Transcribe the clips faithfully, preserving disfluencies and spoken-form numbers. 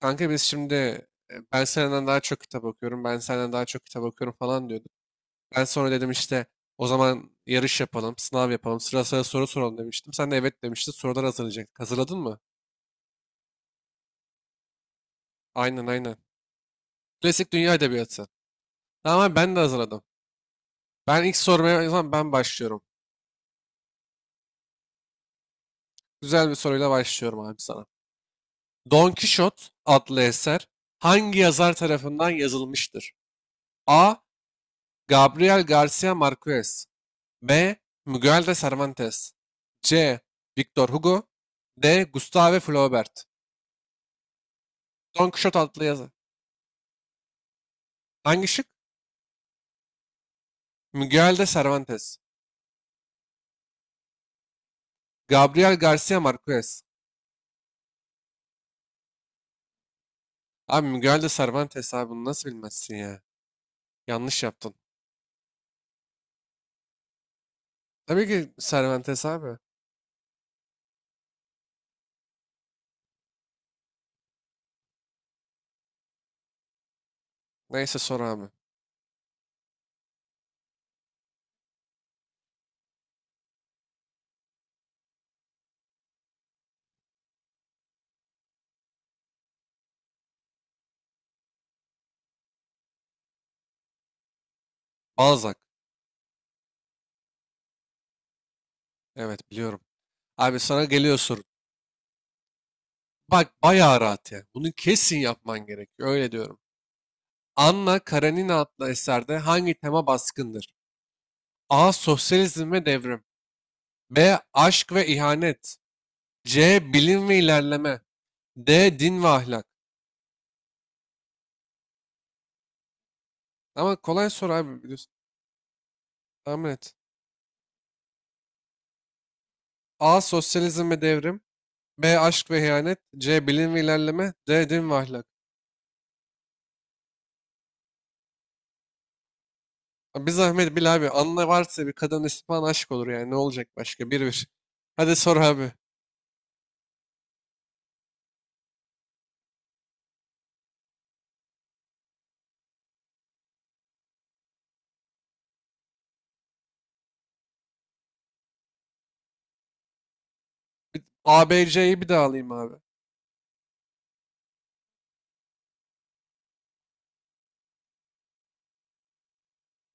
Kanka biz şimdi e, ben senden daha çok kitap okuyorum, ben senden daha çok kitap okuyorum falan diyorduk. Ben sonra dedim işte o zaman yarış yapalım, sınav yapalım, sıra sıra soru soralım demiştim. Sen de evet demiştin, sorular hazırlayacaktık. Hazırladın mı? Aynen aynen. Klasik dünya edebiyatı. Tamam abi, ben de hazırladım. Ben ilk sormaya o zaman ben başlıyorum. Güzel bir soruyla başlıyorum abi sana. Don Kişot adlı eser hangi yazar tarafından yazılmıştır? A. Gabriel Garcia Marquez. B. Miguel de Cervantes. C. Victor Hugo. D. Gustave Flaubert. Don Quixote adlı yazı. Hangi şık? Miguel de Cervantes. Gabriel Garcia Marquez. Abi Miguel de Cervantes, abi bunu nasıl bilmezsin ya? Yanlış yaptın. Tabii ki Cervantes abi. Neyse sor abi. Balzac. Evet biliyorum. Abi sana geliyor soru. Bak bayağı rahat ya. Bunu kesin yapman gerekiyor. Öyle diyorum. Anna Karenina adlı eserde hangi tema baskındır? A. Sosyalizm ve devrim. B. Aşk ve ihanet. C. Bilim ve ilerleme. D. Din ve ahlak. Ama kolay soru abi, biliyorsun. Tahmin et. A. Sosyalizm ve devrim. B. Aşk ve ihanet. C. Bilim ve ilerleme. D. Din ve ahlak. Abi bir zahmet bil abi. Anla, varsa bir kadın ismi falan aşk olur yani. Ne olacak başka? Bir bir. Hadi sor abi. A, B, C'yi bir daha alayım abi.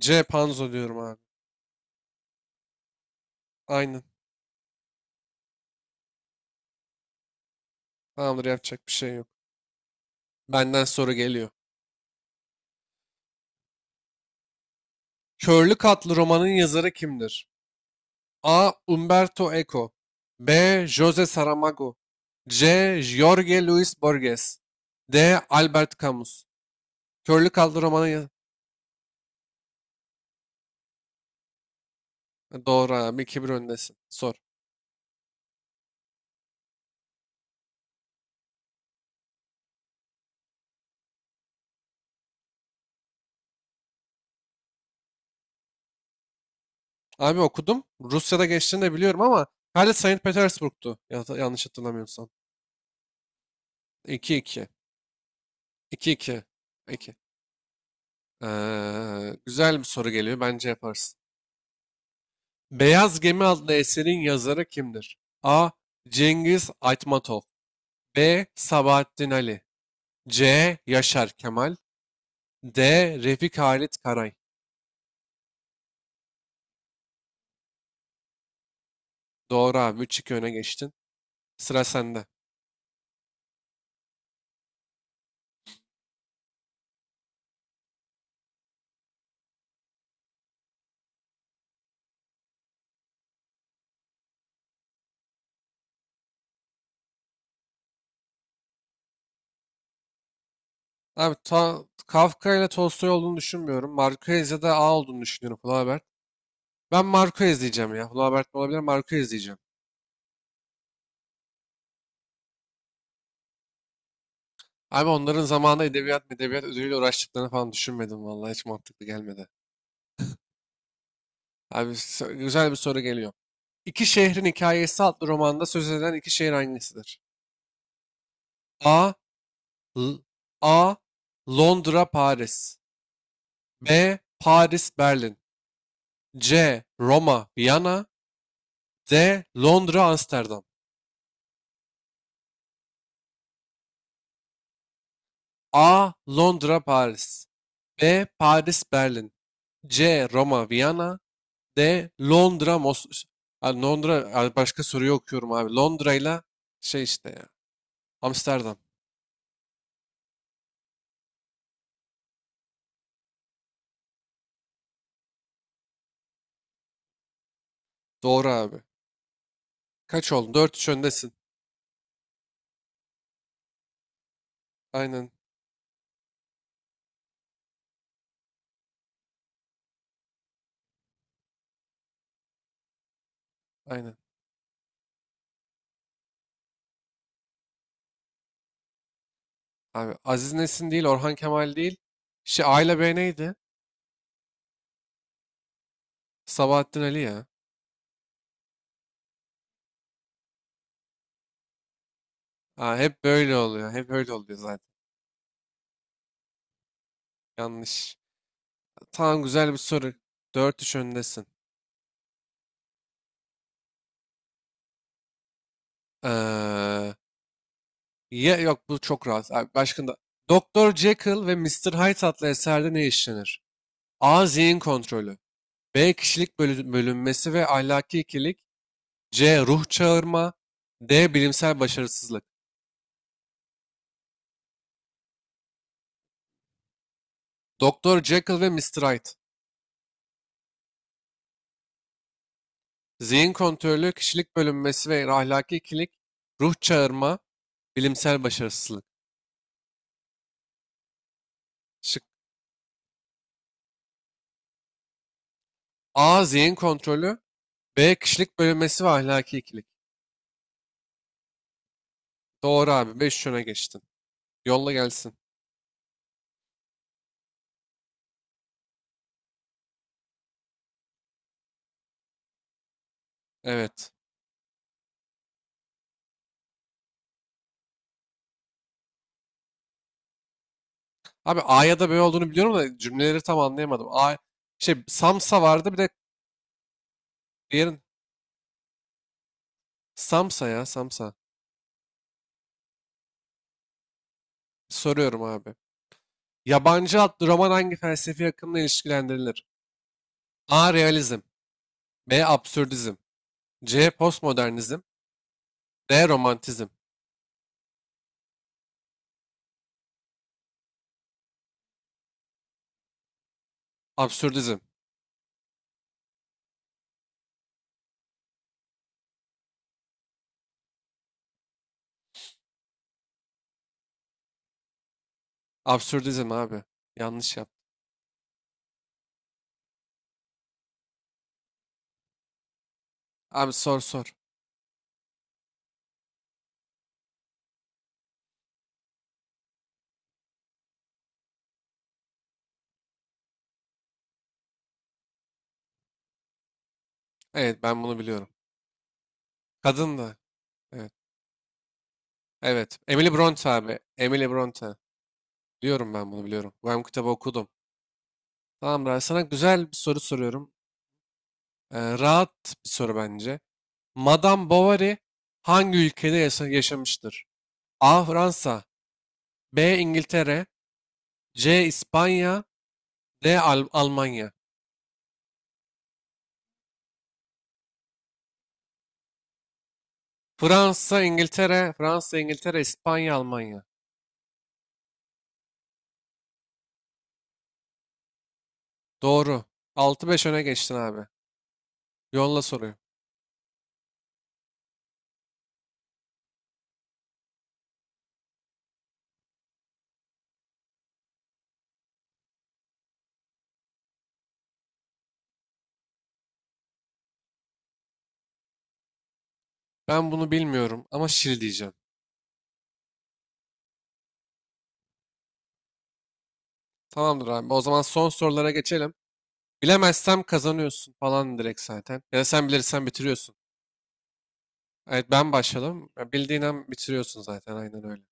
C. Panzo diyorum abi. Aynen. Tamamdır, yapacak bir şey yok. Benden soru geliyor. Körlük adlı romanın yazarı kimdir? A. Umberto Eco. B. José Saramago. C. Jorge Luis Borges. D. Albert Camus. Körlü Kaldı romanı ya- doğru abi, iki bir öndesin. Sor. Abi okudum. Rusya'da geçtiğini de biliyorum ama herhalde Saint Petersburg'tu. Ya- yanlış hatırlamıyorsam. iki iki. iki iki. iki. Ee, güzel bir soru geliyor. Bence yaparsın. Beyaz Gemi adlı eserin yazarı kimdir? A. Cengiz Aytmatov. B. Sabahattin Ali. C. Yaşar Kemal. D. Refik Halit Karay. Doğru abi. üç iki öne geçtin. Sıra sende. Abi Ta- Kafka ile Tolstoy olduğunu düşünmüyorum. Marquez ya da A olduğunu düşünüyorum, Flaubert. Ben Marquez diyeceğim ya. Flaubert mi olabilir? Marquez diyeceğim. Abi onların zamanında edebiyat edebiyat ödülüyle uğraştıklarını falan düşünmedim, vallahi hiç mantıklı gelmedi. Abi s- güzel bir soru geliyor. İki Şehrin Hikayesi adlı romanda söz edilen iki şehir hangisidir? A. L- A. Londra, Paris. B. Paris, Berlin. C. Roma, Viyana. D. Londra, Amsterdam. A. Londra, Paris. B. Paris, Berlin. C. Roma, Viyana. D. Londra, Mos... ha, Londra, ha, başka soruyu okuyorum abi. Londra ile şey işte ya. Amsterdam. Doğru abi. Kaç oldu? Dört üç öndesin. Aynen, aynen. Abi Aziz Nesin değil, Orhan Kemal değil. Şey, A ile B neydi? Sabahattin Ali ya. Ha, hep böyle oluyor. Hep öyle oluyor zaten. Yanlış. Tamam, güzel bir soru. Dört üç öndesin. Ee, ya, yok bu çok rahat. Abi, başka da. Doktor Jekyll ve mister Hyde adlı eserde ne işlenir? A. Zihin kontrolü. B. Kişilik bölü- bölünmesi ve ahlaki ikilik. C. Ruh çağırma. D. Bilimsel başarısızlık. Doktor Jekyll ve mister Hyde. Zihin kontrolü, kişilik bölünmesi ve ahlaki ikilik. Ruh çağırma, bilimsel başarısızlık. Şık. A. Zihin kontrolü. B. Kişilik bölünmesi ve ahlaki ikilik. Doğru abi. beş öne geçtin. Yolla gelsin. Evet. Abi A ya da B olduğunu biliyorum da cümleleri tam anlayamadım. A, şey, Samsa vardı, bir de diğerin Samsa ya, Samsa. Soruyorum abi. Yabancı adlı roman hangi felsefi akımla ilişkilendirilir? A. Realizm. B. Absürdizm. C. Postmodernizm. D. Romantizm. Absürdizm. Absürdizm abi. Yanlış yaptım. Abi sor sor. Evet, ben bunu biliyorum. Kadın da. Evet. Evet. Emily Bronte abi. Emily Bronte. Biliyorum, ben bunu biliyorum. Ben bu kitabı okudum. Tamam Ray, sana güzel bir soru soruyorum. Ee, rahat bir soru bence. Madame Bovary hangi ülkede yaşa- yaşamıştır? A. Fransa. B. İngiltere. C. İspanya. D. Al- Almanya. Fransa, İngiltere, Fransa, İngiltere, İspanya, Almanya. Doğru. Altı beş öne geçtin abi. Yolla soruyu. Ben bunu bilmiyorum ama şil diyeceğim. Tamamdır abi. O zaman son sorulara geçelim. Bilemezsem kazanıyorsun falan direkt zaten. Ya da sen bilirsen bitiriyorsun. Evet, ben başladım. Ya, bildiğin an bitiriyorsun zaten, aynen öyle.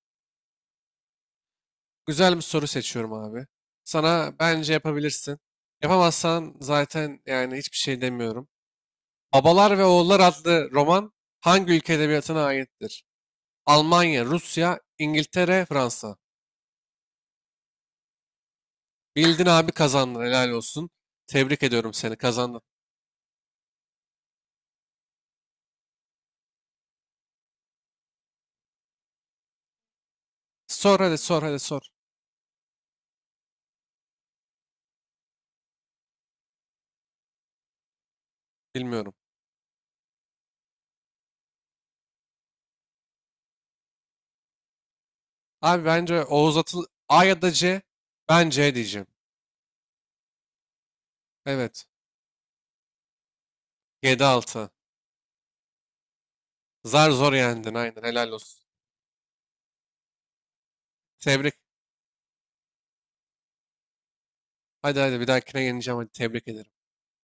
Güzel bir soru seçiyorum abi. Sana, bence yapabilirsin. Yapamazsan zaten yani hiçbir şey demiyorum. Babalar ve Oğullar adlı roman hangi ülke edebiyatına aittir? Almanya, Rusya, İngiltere, Fransa. Bildin abi, kazandın, helal olsun. Tebrik ediyorum seni, kazandın. Sor hadi sor hadi sor. Bilmiyorum. Abi bence Oğuz Atıl, A ya da C. Ben C diyeceğim. Evet. yedi altı. Zar zor yendin, aynen helal olsun. Tebrik. Hadi hadi bir dahakine geleceğim, hadi tebrik ederim.